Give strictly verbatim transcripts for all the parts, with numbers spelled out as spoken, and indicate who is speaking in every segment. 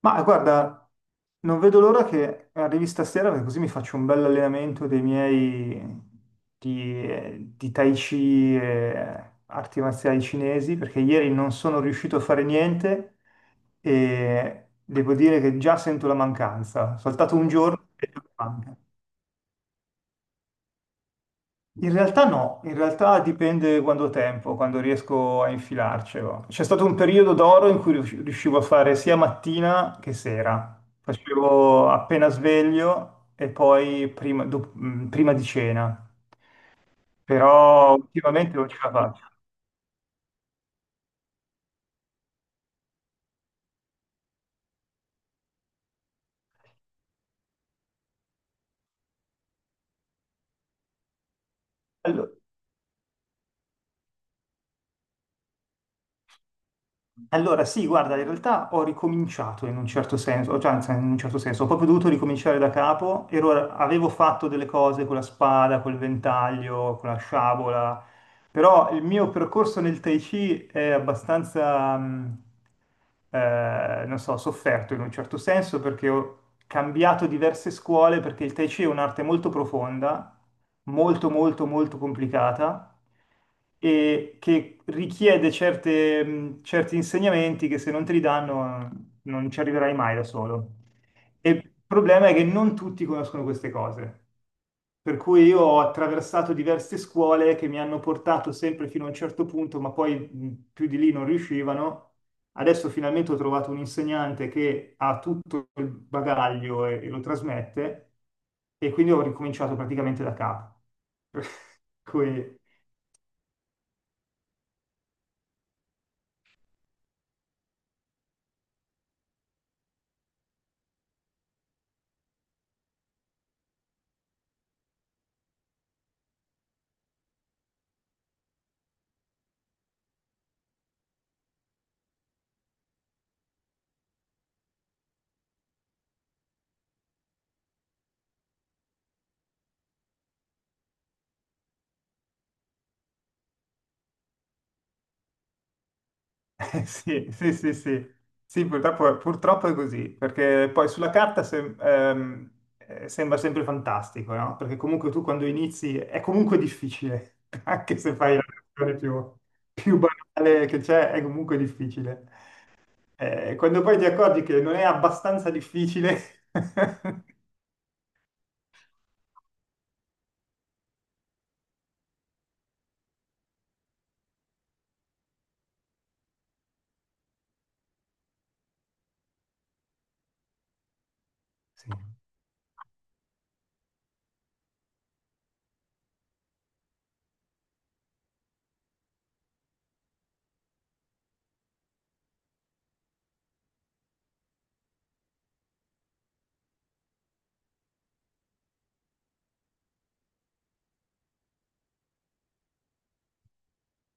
Speaker 1: Ma guarda, non vedo l'ora che arrivi stasera perché così mi faccio un bel allenamento dei miei di, eh, di Tai Chi e arti marziali cinesi perché ieri non sono riuscito a fare niente e devo dire che già sento la mancanza. Ho saltato un giorno e manca. In realtà no, in realtà dipende quando ho tempo, quando riesco a infilarcelo. C'è stato un periodo d'oro in cui rius- riuscivo a fare sia mattina che sera. Facevo appena sveglio e poi prima, do- mh, prima di cena, però ultimamente non ce la faccio. Allo- Allora, sì, guarda, in realtà ho ricominciato in un certo senso, cioè anzi, in un certo senso, ho proprio dovuto ricominciare da capo, ero, avevo fatto delle cose con la spada, col ventaglio, con la sciabola. Però il mio percorso nel Tai Chi è abbastanza, mh, eh, non so, sofferto in un certo senso perché ho cambiato diverse scuole perché il Tai Chi è un'arte molto profonda, molto molto molto complicata e che richiede certe, mh, certi insegnamenti che se non te li danno eh, non ci arriverai mai da solo. E il problema è che non tutti conoscono queste cose. Per cui io ho attraversato diverse scuole che mi hanno portato sempre fino a un certo punto, ma poi mh, più di lì non riuscivano. Adesso finalmente ho trovato un insegnante che ha tutto il bagaglio e, e lo trasmette, e quindi ho ricominciato praticamente da capo. Per cui Eh, sì, sì, sì, sì. Sì, purtroppo, purtroppo è così, perché poi sulla carta sem- ehm, eh, sembra sempre fantastico, no? Perché comunque tu quando inizi è comunque difficile, anche se fai la versione più, più banale che c'è, è comunque difficile. Eh, quando poi ti accorgi che non è abbastanza difficile, sì.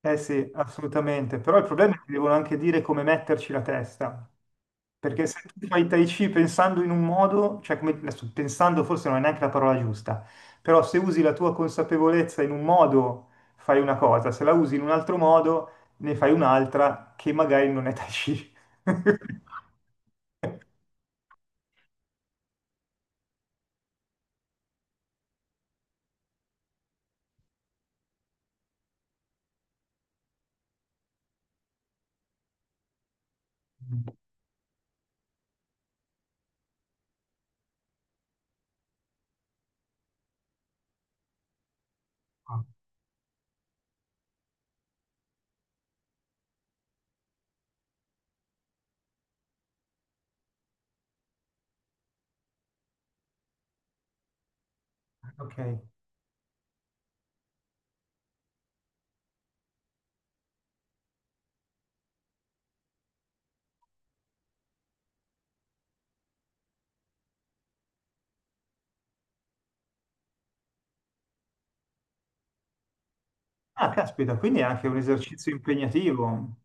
Speaker 1: Eh sì, assolutamente, però il problema è che devono anche dire come metterci la testa. Perché se tu fai Tai Chi pensando in un modo, cioè come, adesso pensando forse non è neanche la parola giusta, però se usi la tua consapevolezza in un modo fai una cosa, se la usi in un altro modo ne fai un'altra che magari non è Tai Chi. Ok. Ah, caspita, quindi è anche un esercizio impegnativo.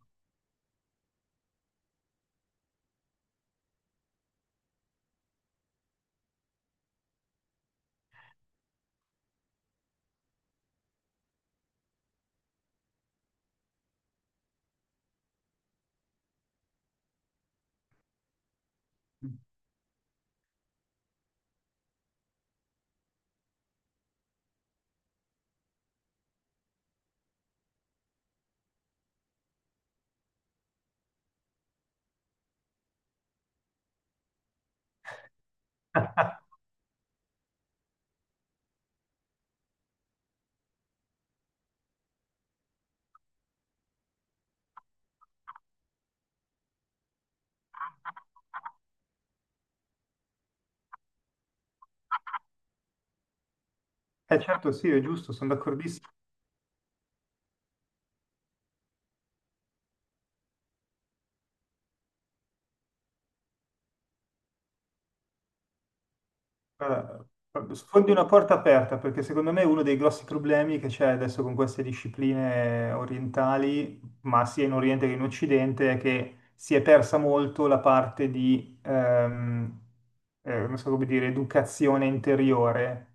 Speaker 1: Eh certo, sì, è giusto, sono d'accordissimo. Guarda, sfondi una porta aperta perché secondo me uno dei grossi problemi che c'è adesso con queste discipline orientali, ma sia in Oriente che in Occidente, è che si è persa molto la parte di, ehm, eh, non so come dire, educazione interiore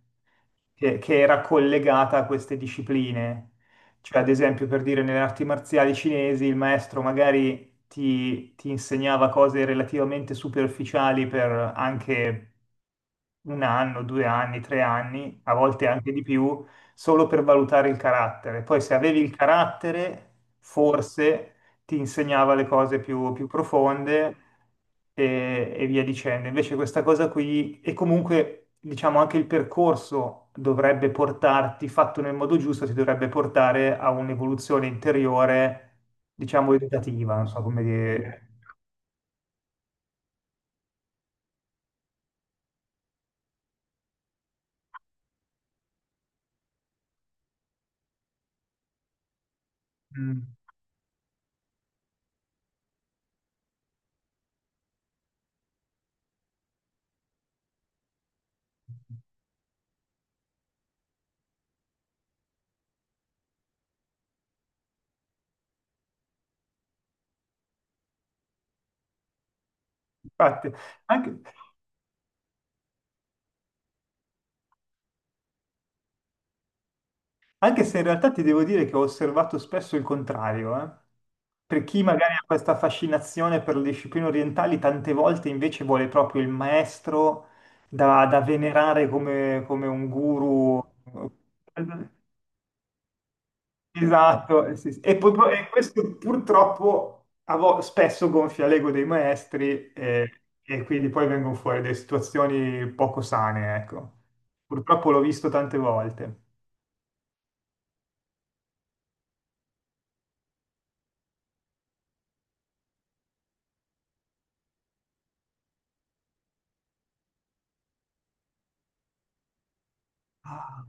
Speaker 1: che, che era collegata a queste discipline. Cioè, ad esempio, per dire, nelle arti marziali cinesi il maestro magari ti, ti insegnava cose relativamente superficiali per anche un anno, due anni, tre anni, a volte anche di più, solo per valutare il carattere. Poi se avevi il carattere, forse ti insegnava le cose più, più profonde e, e via dicendo. Invece questa cosa qui, e comunque diciamo anche il percorso dovrebbe portarti, fatto nel modo giusto, ti dovrebbe portare a un'evoluzione interiore, diciamo, educativa, non so come dire. Mm. Infatti, anche- anche se in realtà ti devo dire che ho osservato spesso il contrario, eh. Per chi magari ha questa fascinazione per le discipline orientali, tante volte invece vuole proprio il maestro da, da venerare come, come un guru. Esatto, eh, sì, sì. E, poi- poi- e questo purtroppo a vo- spesso gonfia l'ego dei maestri e, e quindi poi vengono fuori delle situazioni poco sane, ecco. Purtroppo l'ho visto tante volte. Ah,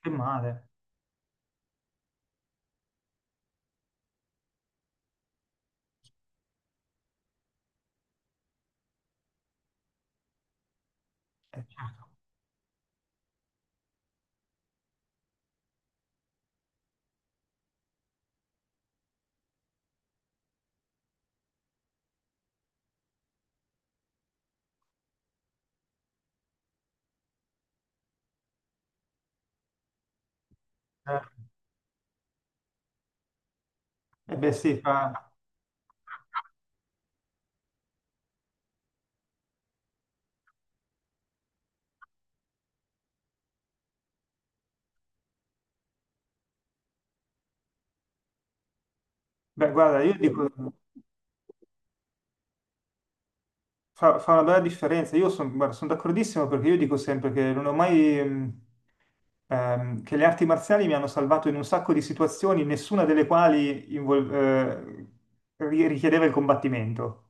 Speaker 1: che male. Eh, certo. Eh, eh beh sì, fa... Beh, guarda, io dico, fa, fa una bella differenza. Io sono d'accordissimo perché io dico sempre che non ho mai... ehm, ehm, che le arti marziali mi hanno salvato in un sacco di situazioni, nessuna delle quali invol- eh, ri- richiedeva il combattimento.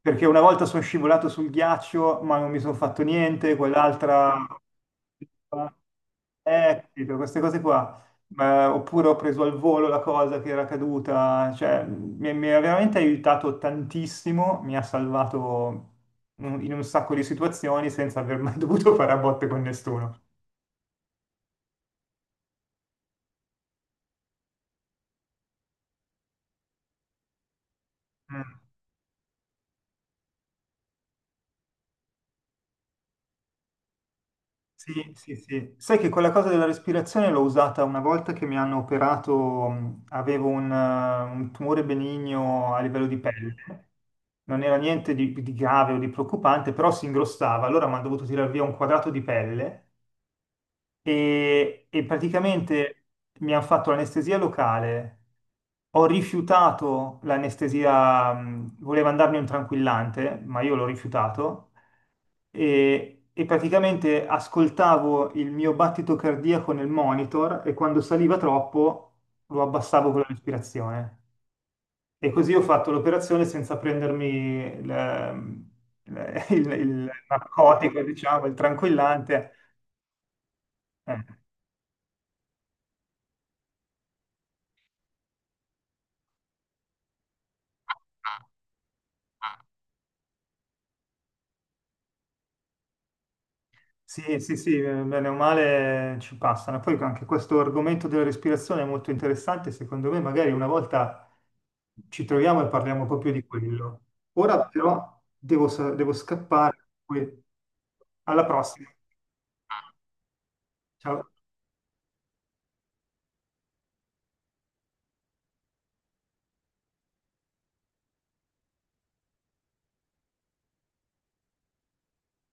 Speaker 1: Perché una volta sono scivolato sul ghiaccio, ma non mi sono fatto niente, quell'altra... Eh, capito, queste cose qua. Ma- oppure ho preso al volo la cosa che era caduta, cioè mi, mi ha veramente aiutato tantissimo, mi ha salvato un- in un sacco di situazioni senza aver mai dovuto fare a botte con nessuno. Mm. Sì, sì, sì. Sai che quella cosa della respirazione l'ho usata una volta che mi hanno operato, mh, avevo un, eh, un tumore benigno a livello di pelle, non era niente di, di grave o di preoccupante, però si ingrossava, allora mi hanno dovuto tirare via un quadrato di pelle e, e praticamente mi hanno fatto l'anestesia locale. Ho rifiutato l'anestesia, mh, voleva andarmi un tranquillante, ma io l'ho rifiutato e, e praticamente ascoltavo il mio battito cardiaco nel monitor e quando saliva troppo lo abbassavo con la respirazione. E così ho fatto l'operazione senza prendermi il, il- il narcotico, diciamo, il tranquillante. Eh. Sì, sì, sì, eh, bene o male ci passano. Poi anche questo argomento della respirazione è molto interessante, secondo me magari una volta ci troviamo e parliamo proprio di quello. Ora però devo, sa- devo scappare, quindi alla prossima. Ciao.